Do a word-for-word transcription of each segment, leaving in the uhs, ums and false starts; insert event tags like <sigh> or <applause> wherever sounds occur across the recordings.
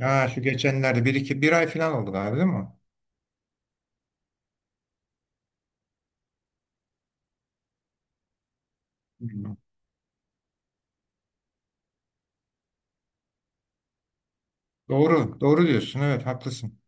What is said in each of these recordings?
Ha, şu geçenlerde bir iki bir ay falan oldu galiba, değil mi? Hmm. Doğru, doğru diyorsun. Evet, haklısın.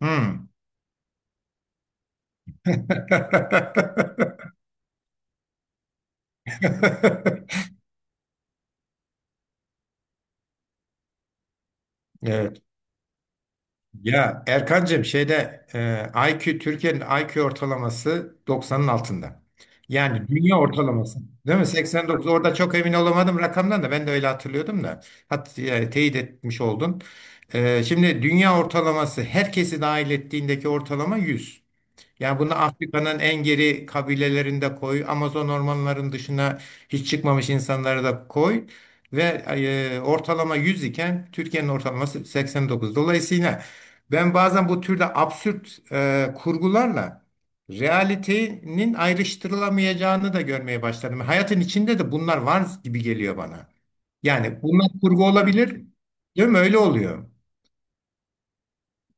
Hmm. <laughs> Evet. Ya Erkancığım, şeyde e, I Q Türkiye'nin I Q ortalaması doksanın altında. Yani dünya ortalaması. Değil mi? seksen dokuz. Orada çok emin olamadım rakamdan da, ben de öyle hatırlıyordum da. Hat, e, teyit etmiş oldun. E, şimdi dünya ortalaması, herkesi dahil ettiğindeki ortalama yüz. Yani bunu Afrika'nın en geri kabilelerinde koy, Amazon ormanlarının dışına hiç çıkmamış insanları da koy ve e, ortalama yüz iken Türkiye'nin ortalaması seksen dokuz. Dolayısıyla ben bazen bu türde absürt e, kurgularla realitenin ayrıştırılamayacağını da görmeye başladım. Hayatın içinde de bunlar var gibi geliyor bana. Yani bunlar kurgu olabilir, değil mi? Öyle oluyor.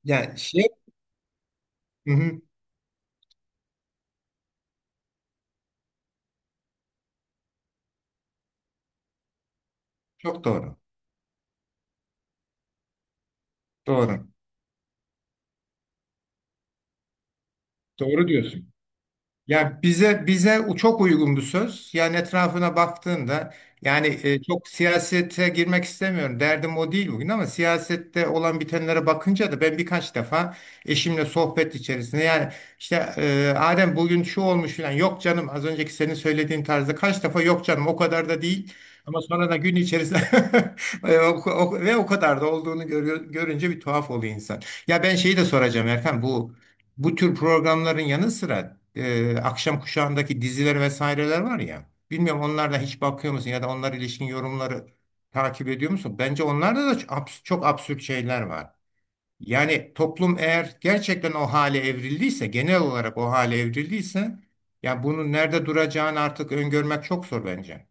Yani şey. Hı hı, çok doğru. Doğru. Doğru diyorsun. Ya bize bize u- çok uygun bir söz. Yani etrafına baktığında, yani e, çok siyasete girmek istemiyorum. Derdim o değil bugün, ama siyasette olan bitenlere bakınca da ben birkaç defa eşimle sohbet içerisinde, yani işte e, Adem bugün şu olmuş filan, yok canım az önceki senin söylediğin tarzda, kaç defa yok canım o kadar da değil, ama sonra da gün içerisinde <laughs> e, o- o- ve o kadar da olduğunu görüyor, görünce bir tuhaf oluyor insan. Ya ben şeyi de soracağım Erkan, bu bu tür programların yanı sıra e, akşam kuşağındaki diziler vesaireler var ya. Bilmiyorum, onlardan hiç bakıyor musun ya da onlara ilişkin yorumları takip ediyor musun? Bence onlarda da çok, abs- çok absürt şeyler var. Yani toplum eğer gerçekten o hale evrildiyse, genel olarak o hale evrildiyse, ya bunun nerede duracağını artık öngörmek çok zor bence.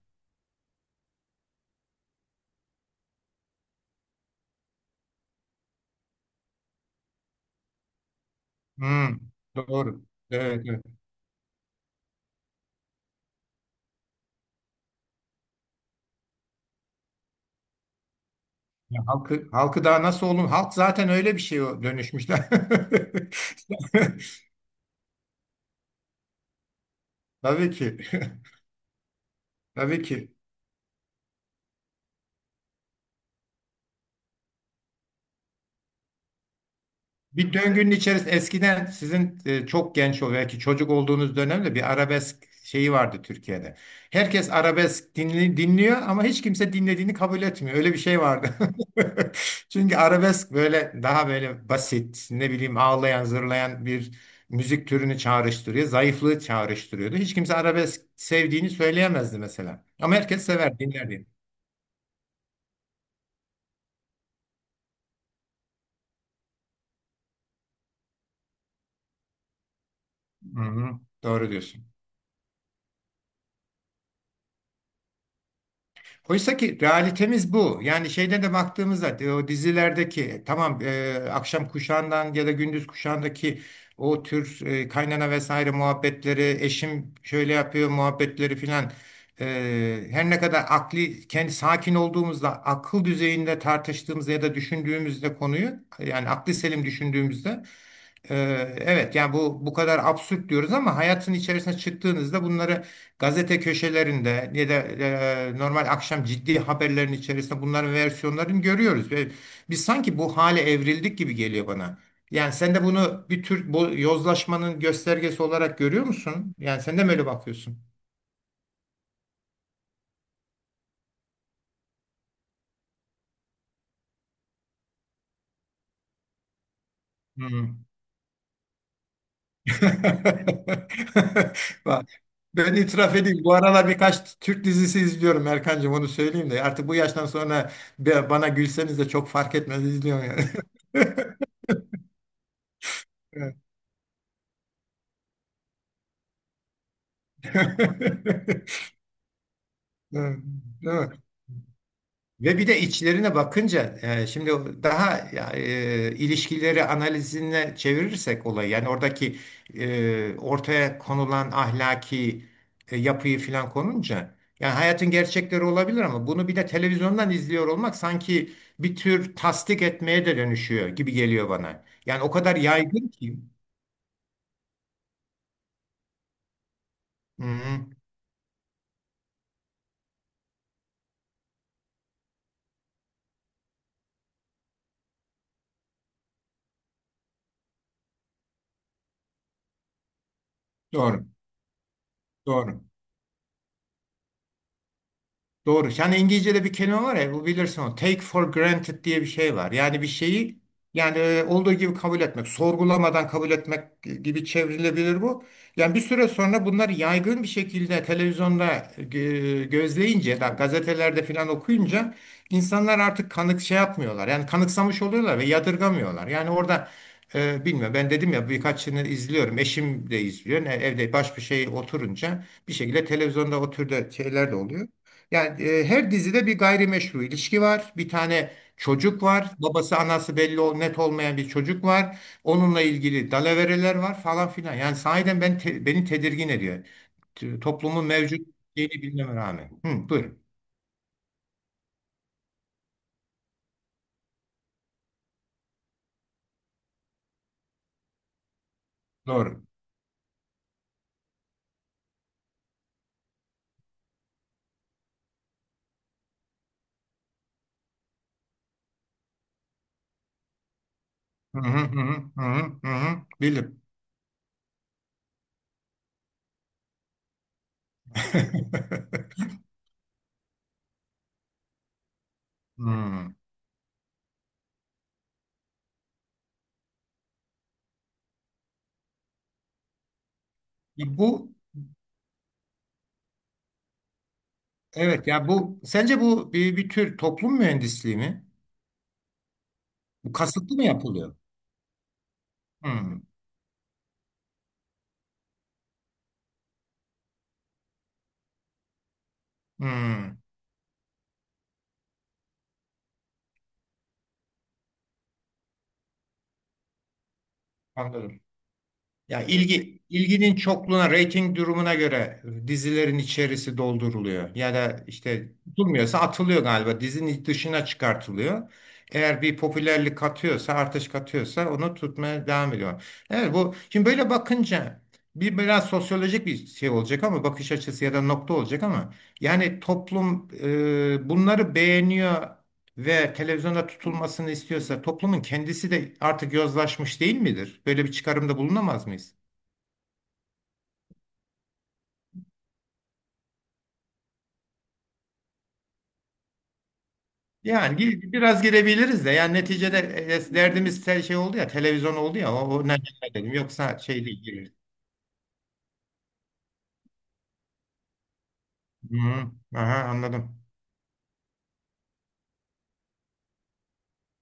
Hmm, doğru. Evet, evet. Ya halkı, halkı daha nasıl olun? Halk zaten öyle bir şeye dönüşmüşler. <laughs> Tabii ki. <laughs> Tabii ki. Bir döngünün içerisinde, eskiden sizin e, çok genç ol belki çocuk olduğunuz dönemde bir arabesk şeyi vardı Türkiye'de. Herkes arabesk dinli, dinliyor ama hiç kimse dinlediğini kabul etmiyor. Öyle bir şey vardı. <laughs> Çünkü arabesk böyle daha böyle basit, ne bileyim, ağlayan, zırlayan bir müzik türünü çağrıştırıyor, zayıflığı çağrıştırıyordu. Hiç kimse arabesk sevdiğini söyleyemezdi mesela. Ama herkes sever, dinlerdi. Hı hı, doğru diyorsun. Oysa ki realitemiz bu. Yani şeyde de baktığımızda e, o dizilerdeki e, tamam e, akşam kuşağından ya da gündüz kuşağındaki o tür e, kaynana vesaire muhabbetleri, eşim şöyle yapıyor muhabbetleri filan, e, her ne kadar akli kendi sakin olduğumuzda, akıl düzeyinde tartıştığımızda ya da düşündüğümüzde konuyu, yani akli selim düşündüğümüzde, ee, evet yani bu bu kadar absürt diyoruz, ama hayatın içerisine çıktığınızda bunları gazete köşelerinde ya da e, normal akşam ciddi haberlerin içerisinde bunların versiyonlarını görüyoruz ve biz sanki bu hale evrildik gibi geliyor bana. Yani sen de bunu bir tür bu yozlaşmanın göstergesi olarak görüyor musun? Yani sen de mi öyle bakıyorsun? Hı. <laughs> Bak, ben itiraf edeyim. Bu aralar birkaç Türk dizisi izliyorum Erkancığım, onu söyleyeyim de. Artık bu yaştan sonra be- bana gülseniz de çok fark etmez, izliyorum yani. <laughs> Evet. <laughs> Evet. Değil mi? Ve bir de içlerine bakınca, e, şimdi daha e, ilişkileri analizine çevirirsek olayı, yani oradaki e, ortaya konulan ahlaki e, yapıyı filan konunca, yani hayatın gerçekleri olabilir ama bunu bir de televizyondan izliyor olmak sanki bir tür tasdik etmeye de dönüşüyor gibi geliyor bana. Yani o kadar yaygın ki. Hı hı. Doğru, doğru. Doğru. Yani İngilizce'de bir kelime var ya, bu bilirsin onu. Take for granted diye bir şey var. Yani bir şeyi, yani e, olduğu gibi kabul etmek, sorgulamadan kabul etmek gibi çevrilebilir bu. Yani bir süre sonra bunlar yaygın bir şekilde televizyonda e, gözleyince, da gazetelerde falan okuyunca insanlar artık kanık şey yapmıyorlar. Yani kanıksamış oluyorlar ve yadırgamıyorlar. Yani orada e, bilmiyorum, ben dedim ya, birkaçını izliyorum. Eşim de izliyor. Ne, evde baş bir şey oturunca bir şekilde televizyonda o türde şeyler de oluyor. Yani e, her dizide bir gayrimeşru ilişki var. Bir tane çocuk var. Babası anası belli ol, net olmayan bir çocuk var. Onunla ilgili dalavereler var, falan filan. Yani sahiden ben, te- beni tedirgin ediyor. T- Toplumun mevcut şeyini bilmeme rağmen. Hı, buyurun. Doğru. Hı hı hı hı hı hı. Hı. Bilim. <laughs> Hmm. Ya Bu Evet. Ya bu sence bu bir, bir tür toplum mühendisliği mi? Bu kasıtlı mı yapılıyor? Hmm. Hmm. Anladım. Ya ilgi ilginin çokluğuna, reyting durumuna göre dizilerin içerisi dolduruluyor. Ya da işte, durmuyorsa atılıyor galiba. Dizinin dışına çıkartılıyor. Eğer bir popülerlik katıyorsa, artış katıyorsa, onu tutmaya devam ediyor. Evet, bu şimdi böyle bakınca bir biraz sosyolojik bir şey olacak ama, bakış açısı ya da nokta olacak ama, yani toplum e, bunları beğeniyor ve televizyonda tutulmasını istiyorsa, toplumun kendisi de artık yozlaşmış değil midir? Böyle bir çıkarımda bulunamaz mıyız? Yani gi- biraz girebiliriz de, yani neticede e, e, derdimiz te- şey oldu ya, televizyon oldu ya, o, o ne dedim, yoksa şey değil. Girelim. Hı, aha anladım.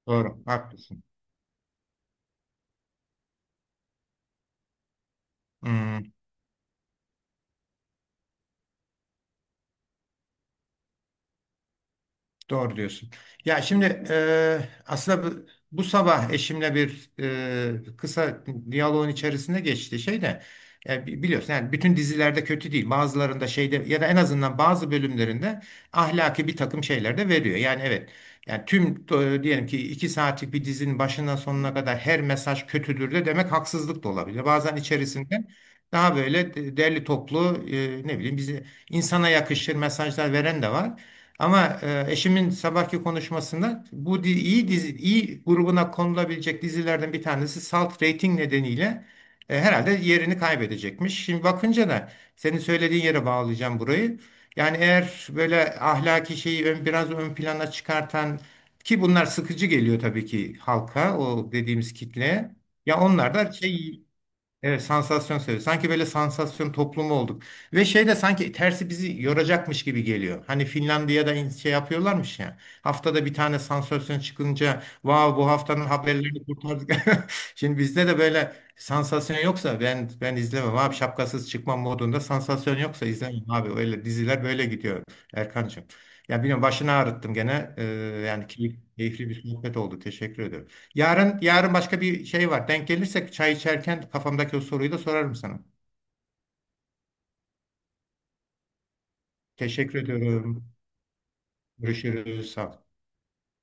Doğru, haklısın. Hı. Doğru diyorsun. Ya şimdi e, aslında bu, bu sabah eşimle bir e, kısa diyaloğun içerisinde geçti şey de, e, bi- biliyorsun yani bütün dizilerde kötü değil. Bazılarında şeyde ya da en azından bazı bölümlerinde ahlaki bir takım şeyler de veriyor. Yani evet, yani tüm e, diyelim ki iki saatlik bir dizinin başından sonuna kadar her mesaj kötüdür de demek haksızlık da olabilir. Bazen içerisinde daha böyle de- derli toplu e, ne bileyim, bizi insana yakışır mesajlar veren de var. Ama e, eşimin sabahki konuşmasında bu di- iyi dizi, iyi grubuna konulabilecek dizilerden bir tanesi salt rating nedeniyle e, herhalde yerini kaybedecekmiş. Şimdi bakınca da senin söylediğin yere bağlayacağım burayı. Yani eğer böyle ahlaki şeyi ön- biraz ön plana çıkartan, ki bunlar sıkıcı geliyor tabii ki halka, o dediğimiz kitleye. Ya onlar da şey. Evet, sansasyon seviyor. Sanki böyle sansasyon toplumu olduk. Ve şey de sanki tersi bizi yoracakmış gibi geliyor. Hani Finlandiya'da in- şey yapıyorlarmış ya. Haftada bir tane sansasyon çıkınca, vav bu haftanın haberlerini kurtardık. <laughs> Şimdi bizde de böyle sansasyon yoksa, ben ben izlemem abi, şapkasız çıkmam modunda, sansasyon yoksa izlemem abi. Öyle diziler böyle gidiyor Erkancığım. Ya bilmiyorum, başını ağrıttım gene. Ee, yani key- keyifli bir sohbet oldu. Teşekkür ederim. Yarın yarın başka bir şey var. Denk gelirsek çay içerken kafamdaki o soruyu da sorarım sana. Teşekkür ediyorum. Görüşürüz. Sağ ol.